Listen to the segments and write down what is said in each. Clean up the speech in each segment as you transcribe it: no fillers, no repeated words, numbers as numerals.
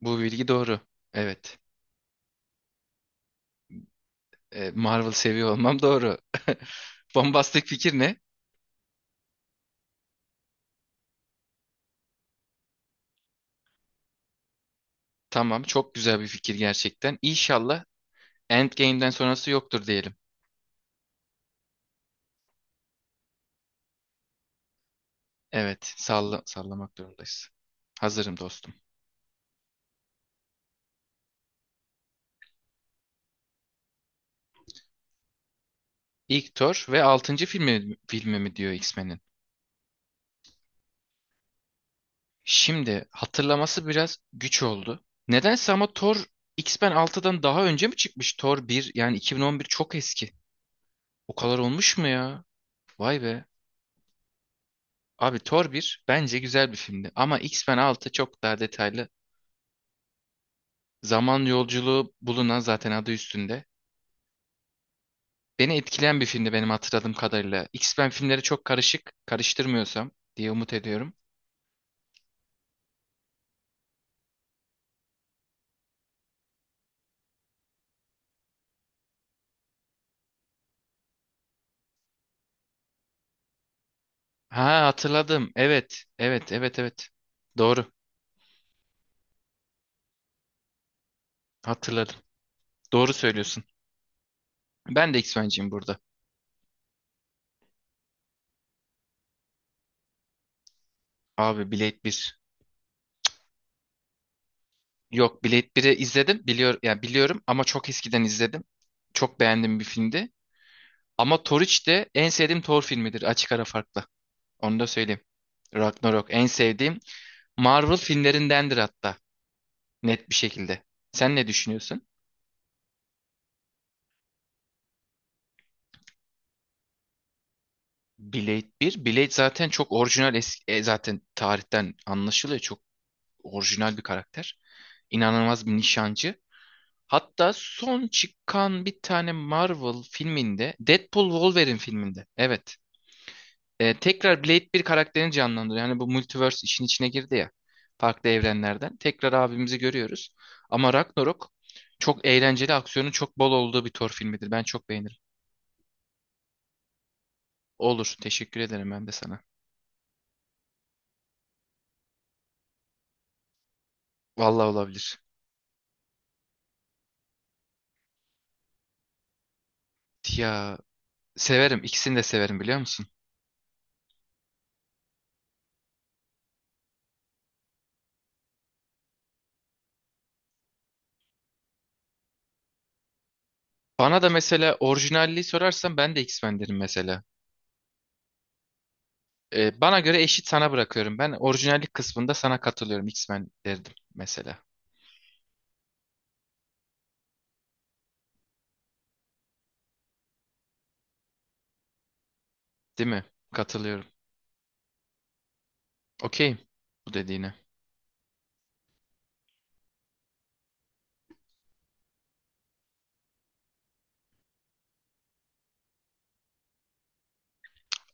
Bu bilgi doğru. Evet. Marvel seviyor olmam doğru. Bombastik fikir ne? Tamam, çok güzel bir fikir gerçekten. İnşallah Endgame'den sonrası yoktur diyelim. Evet, salla sallamak durumdayız. Hazırım dostum. İlk Thor ve altıncı filmi mi diyor X-Men'in? Şimdi hatırlaması biraz güç oldu. Nedense ama Thor X-Men 6'dan daha önce mi çıkmış? Thor bir yani 2011 çok eski. O kadar olmuş mu ya? Vay be. Abi Thor bir bence güzel bir filmdi ama X-Men 6 çok daha detaylı. Zaman yolculuğu bulunan zaten adı üstünde. Beni etkileyen bir filmdi benim hatırladığım kadarıyla. X-Men filmleri çok karışık, karıştırmıyorsam diye umut ediyorum. Ha, hatırladım. Evet, evet, evet, evet. Doğru. Hatırladım. Doğru söylüyorsun. Ben de X-Men'ciyim burada. Abi, Blade bir. Yok, Blade biri izledim. Yani biliyorum ama çok eskiden izledim. Çok beğendiğim bir filmdi. Ama Thor 3 de en sevdiğim Thor filmidir açık ara farkla. Onu da söyleyeyim. Ragnarok en sevdiğim Marvel filmlerindendir, hatta net bir şekilde. Sen ne düşünüyorsun? Blade bir, Blade zaten çok orijinal, eski, zaten tarihten anlaşılıyor. Çok orijinal bir karakter. İnanılmaz bir nişancı. Hatta son çıkan bir tane Marvel filminde, Deadpool Wolverine filminde. Evet. Tekrar Blade bir karakterini canlandırıyor. Yani bu multiverse işin içine girdi ya. Farklı evrenlerden. Tekrar abimizi görüyoruz. Ama Ragnarok çok eğlenceli, aksiyonun çok bol olduğu bir Thor filmidir. Ben çok beğenirim. Olur. Teşekkür ederim ben de sana. Vallahi olabilir. Ya, severim. İkisini de severim, biliyor musun? Bana da mesela orijinalliği sorarsan ben de X-Men derim mesela. Bana göre eşit, sana bırakıyorum. Ben orijinallik kısmında sana katılıyorum. X-Men derdim mesela. Değil mi? Katılıyorum. Okey. Bu dediğine.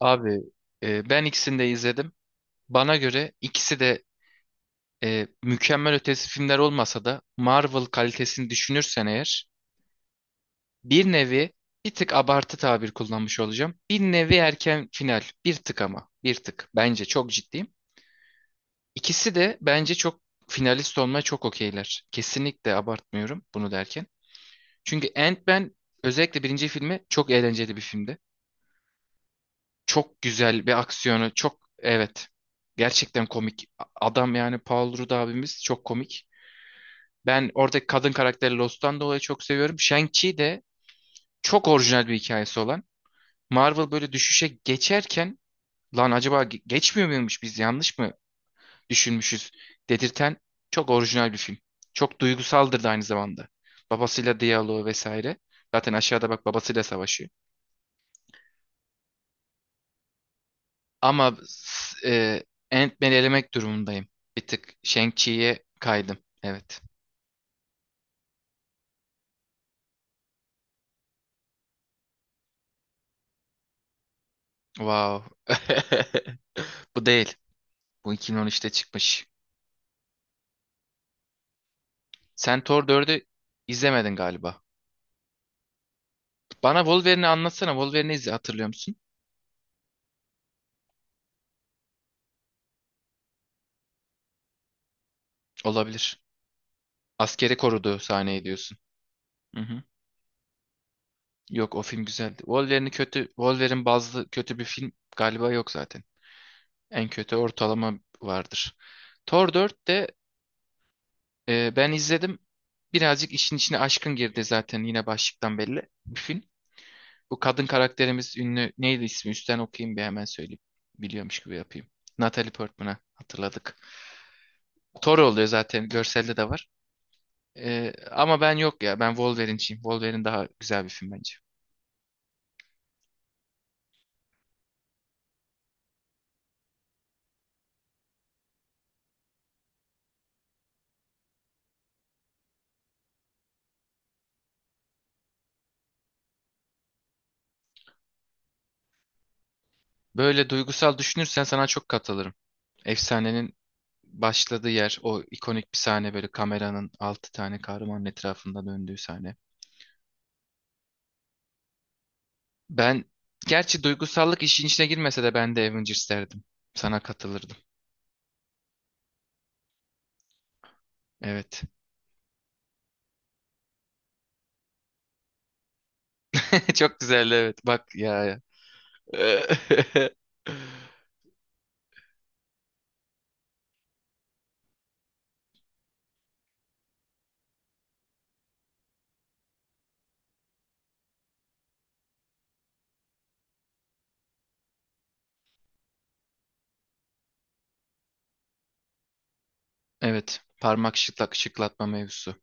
Abi, ben ikisini de izledim. Bana göre ikisi de mükemmel ötesi filmler olmasa da Marvel kalitesini düşünürsen eğer, bir nevi bir tık abartı tabir kullanmış olacağım. Bir nevi erken final. Bir tık ama. Bir tık. Bence çok ciddiyim. İkisi de bence çok finalist olmaya çok okeyler. Kesinlikle abartmıyorum bunu derken. Çünkü Ant-Man, özellikle birinci filmi, çok eğlenceli bir filmdi. Çok güzel bir aksiyonu. Çok, evet. Gerçekten komik. Adam, yani Paul Rudd abimiz, çok komik. Ben oradaki kadın karakteri Lost'tan dolayı çok seviyorum. Shang-Chi de çok orijinal bir hikayesi olan. Marvel böyle düşüşe geçerken, lan acaba geçmiyor muymuş, biz yanlış mı düşünmüşüz dedirten çok orijinal bir film. Çok duygusaldır da aynı zamanda. Babasıyla diyaloğu vesaire. Zaten aşağıda bak, babasıyla savaşıyor. Ama Ant-Man'i elemek durumundayım. Bir tık Shang-Chi'ye kaydım. Evet. Wow. Bu değil. Bu 2013'te çıkmış. Sen Thor 4'ü izlemedin galiba. Bana Wolverine'i anlatsana. Wolverine'i izle, hatırlıyor musun? Olabilir. Askeri koruduğu sahneyi diyorsun. Hı hı. Yok, o film güzeldi. Wolverine'i kötü, Wolverine bazlı kötü bir film galiba yok zaten. En kötü ortalama vardır. Thor 4 de ben izledim. Birazcık işin içine aşkın girdi, zaten yine başlıktan belli bir film. Bu kadın karakterimiz ünlü, neydi ismi? Üstten okuyayım bir, hemen söyleyeyim. Biliyormuş gibi yapayım. Natalie Portman'a hatırladık. Thor oluyor, zaten görselde de var. Ama ben, yok ya, ben Wolverine'ciyim. Wolverine daha güzel bir film bence. Böyle duygusal düşünürsen sana çok katılırım. Efsanenin başladığı yer, o ikonik bir sahne, böyle kameranın altı tane kahramanın etrafında döndüğü sahne. Ben gerçi duygusallık işin içine girmese de ben de Avengers derdim. Sana katılırdım. Evet. Çok güzel, evet. Bak ya. Ya. Evet. Parmak şıklak şıklatma mevzusu.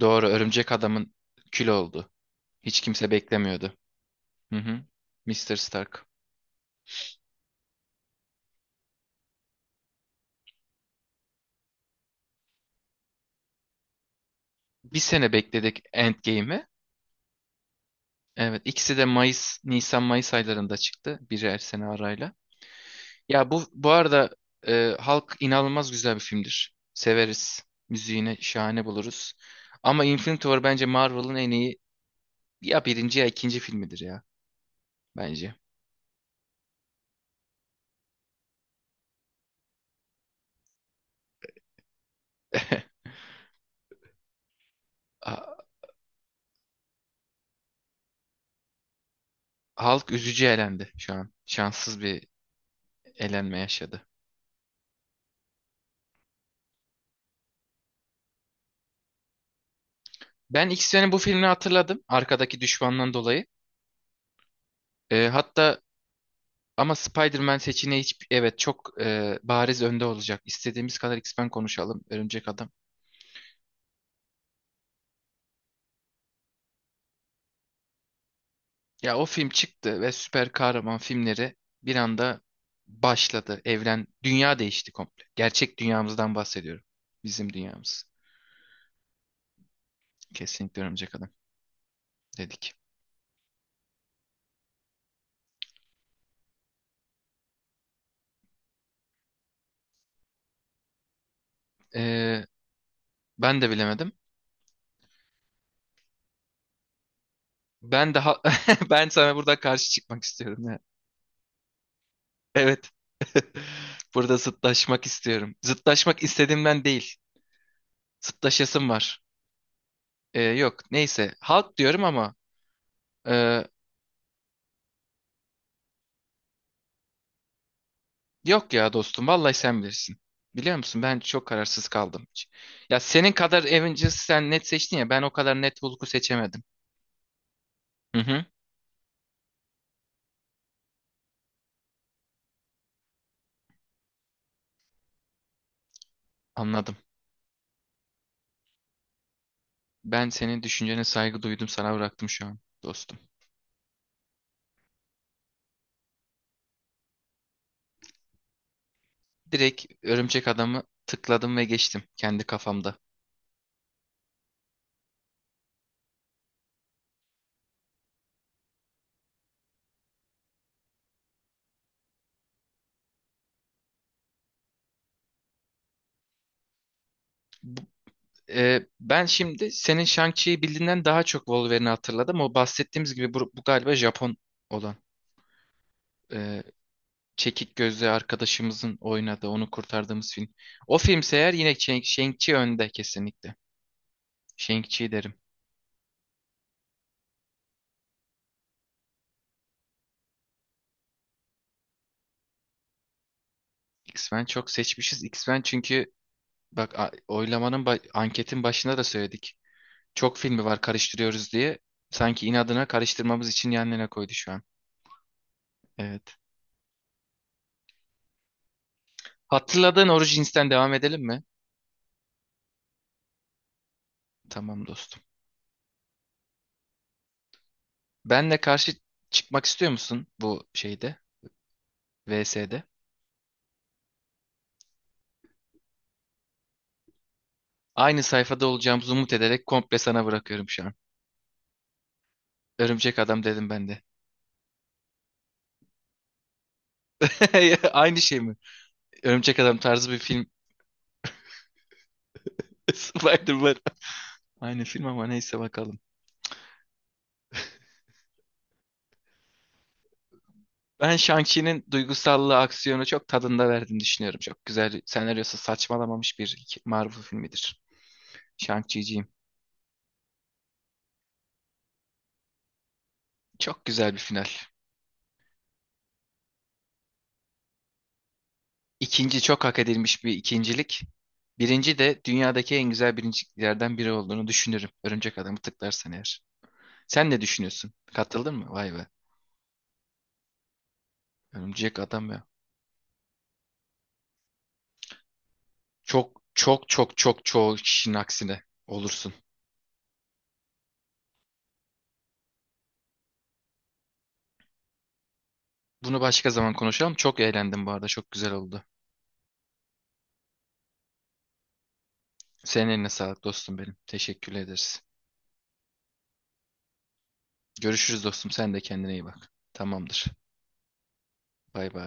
Doğru. Örümcek adamın kül oldu. Hiç kimse beklemiyordu. Hı hı. Mr. Stark. Bir sene bekledik Endgame'i. Evet, ikisi de Mayıs, Nisan Mayıs aylarında çıktı, biri her sene arayla. Ya, bu arada Hulk inanılmaz güzel bir filmdir. Severiz. Müziğini şahane buluruz. Ama Infinity War bence Marvel'ın en iyi ya birinci ya ikinci filmidir ya, bence. Ha- Hulk üzücü elendi şu an. Şanssız bir elenme yaşadı. Ben X-Men'in bu filmini hatırladım. Arkadaki düşmandan dolayı. Hatta ama Spider-Man seçeneği hiç, evet, çok bariz önde olacak. İstediğimiz kadar X-Men konuşalım, Örümcek Adam. Ya, o film çıktı ve süper kahraman filmleri bir anda başladı. Evren, dünya değişti komple. Gerçek dünyamızdan bahsediyorum. Bizim dünyamız. Kesinlikle Örümcek Adam dedik. E, ben de bilemedim. Ben daha ben sana burada karşı çıkmak istiyorum ya. Evet. Burada zıtlaşmak istiyorum. Zıtlaşmak istediğimden değil. Zıtlaşasım var. Yok neyse, halk diyorum ama e, yok ya dostum, vallahi sen bilirsin. Biliyor musun, ben çok kararsız kaldım. Ya senin kadar Avengers'ı sen net seçtin ya ben o kadar net Hulk'u seçemedim. Hı hı. Anladım. Ben senin düşüncene saygı duydum, sana bıraktım şu an dostum. Direkt Örümcek Adam'ı tıkladım ve geçtim kendi kafamda. Bu- ben şimdi senin Shang-Chi'yi bildiğinden daha çok Wolverine'i hatırladım. O bahsettiğimiz gibi, bu galiba Japon olan. e, Çekik gözlü arkadaşımızın oynadığı, onu kurtardığımız film. O filmse eğer, yine Shang-Chi önde, kesinlikle. Shang-Chi derim. X-Men çok seçmişiz. X-Men çünkü, bak, anketin başında da söyledik. Çok filmi var, karıştırıyoruz diye. Sanki inadına karıştırmamız için yanlarına koydu şu an. Evet. Hatırladığın Origins'ten devam edelim mi? Tamam dostum. Benle karşı çıkmak istiyor musun bu şeyde? VS'de. Aynı sayfada olacağımızı umut ederek komple sana bırakıyorum şu an. Örümcek adam dedim ben de. Aynı şey mi? Örümcek Adam tarzı bir film. Spider-Man. Aynı film ama neyse, bakalım. Ben Shang-Chi'nin duygusallığı, aksiyonu çok tadında verdiğini düşünüyorum. Çok güzel, senaryosu saçmalamamış bir Marvel filmidir. Shang-Chi'ciyim. Çok güzel bir final. İkinci, çok hak edilmiş bir ikincilik. Birinci de dünyadaki en güzel birinciliklerden biri olduğunu düşünürüm, Örümcek Adam'ı tıklarsan eğer. Sen ne düşünüyorsun? Katıldın mı? Vay be. Örümcek Adam ya. Çok çok çok çok çoğu kişinin aksine olursun. Bunu başka zaman konuşalım. Çok eğlendim bu arada. Çok güzel oldu. Senin eline sağlık dostum benim. Teşekkür ederiz. Görüşürüz dostum. Sen de kendine iyi bak. Tamamdır. Bay bay.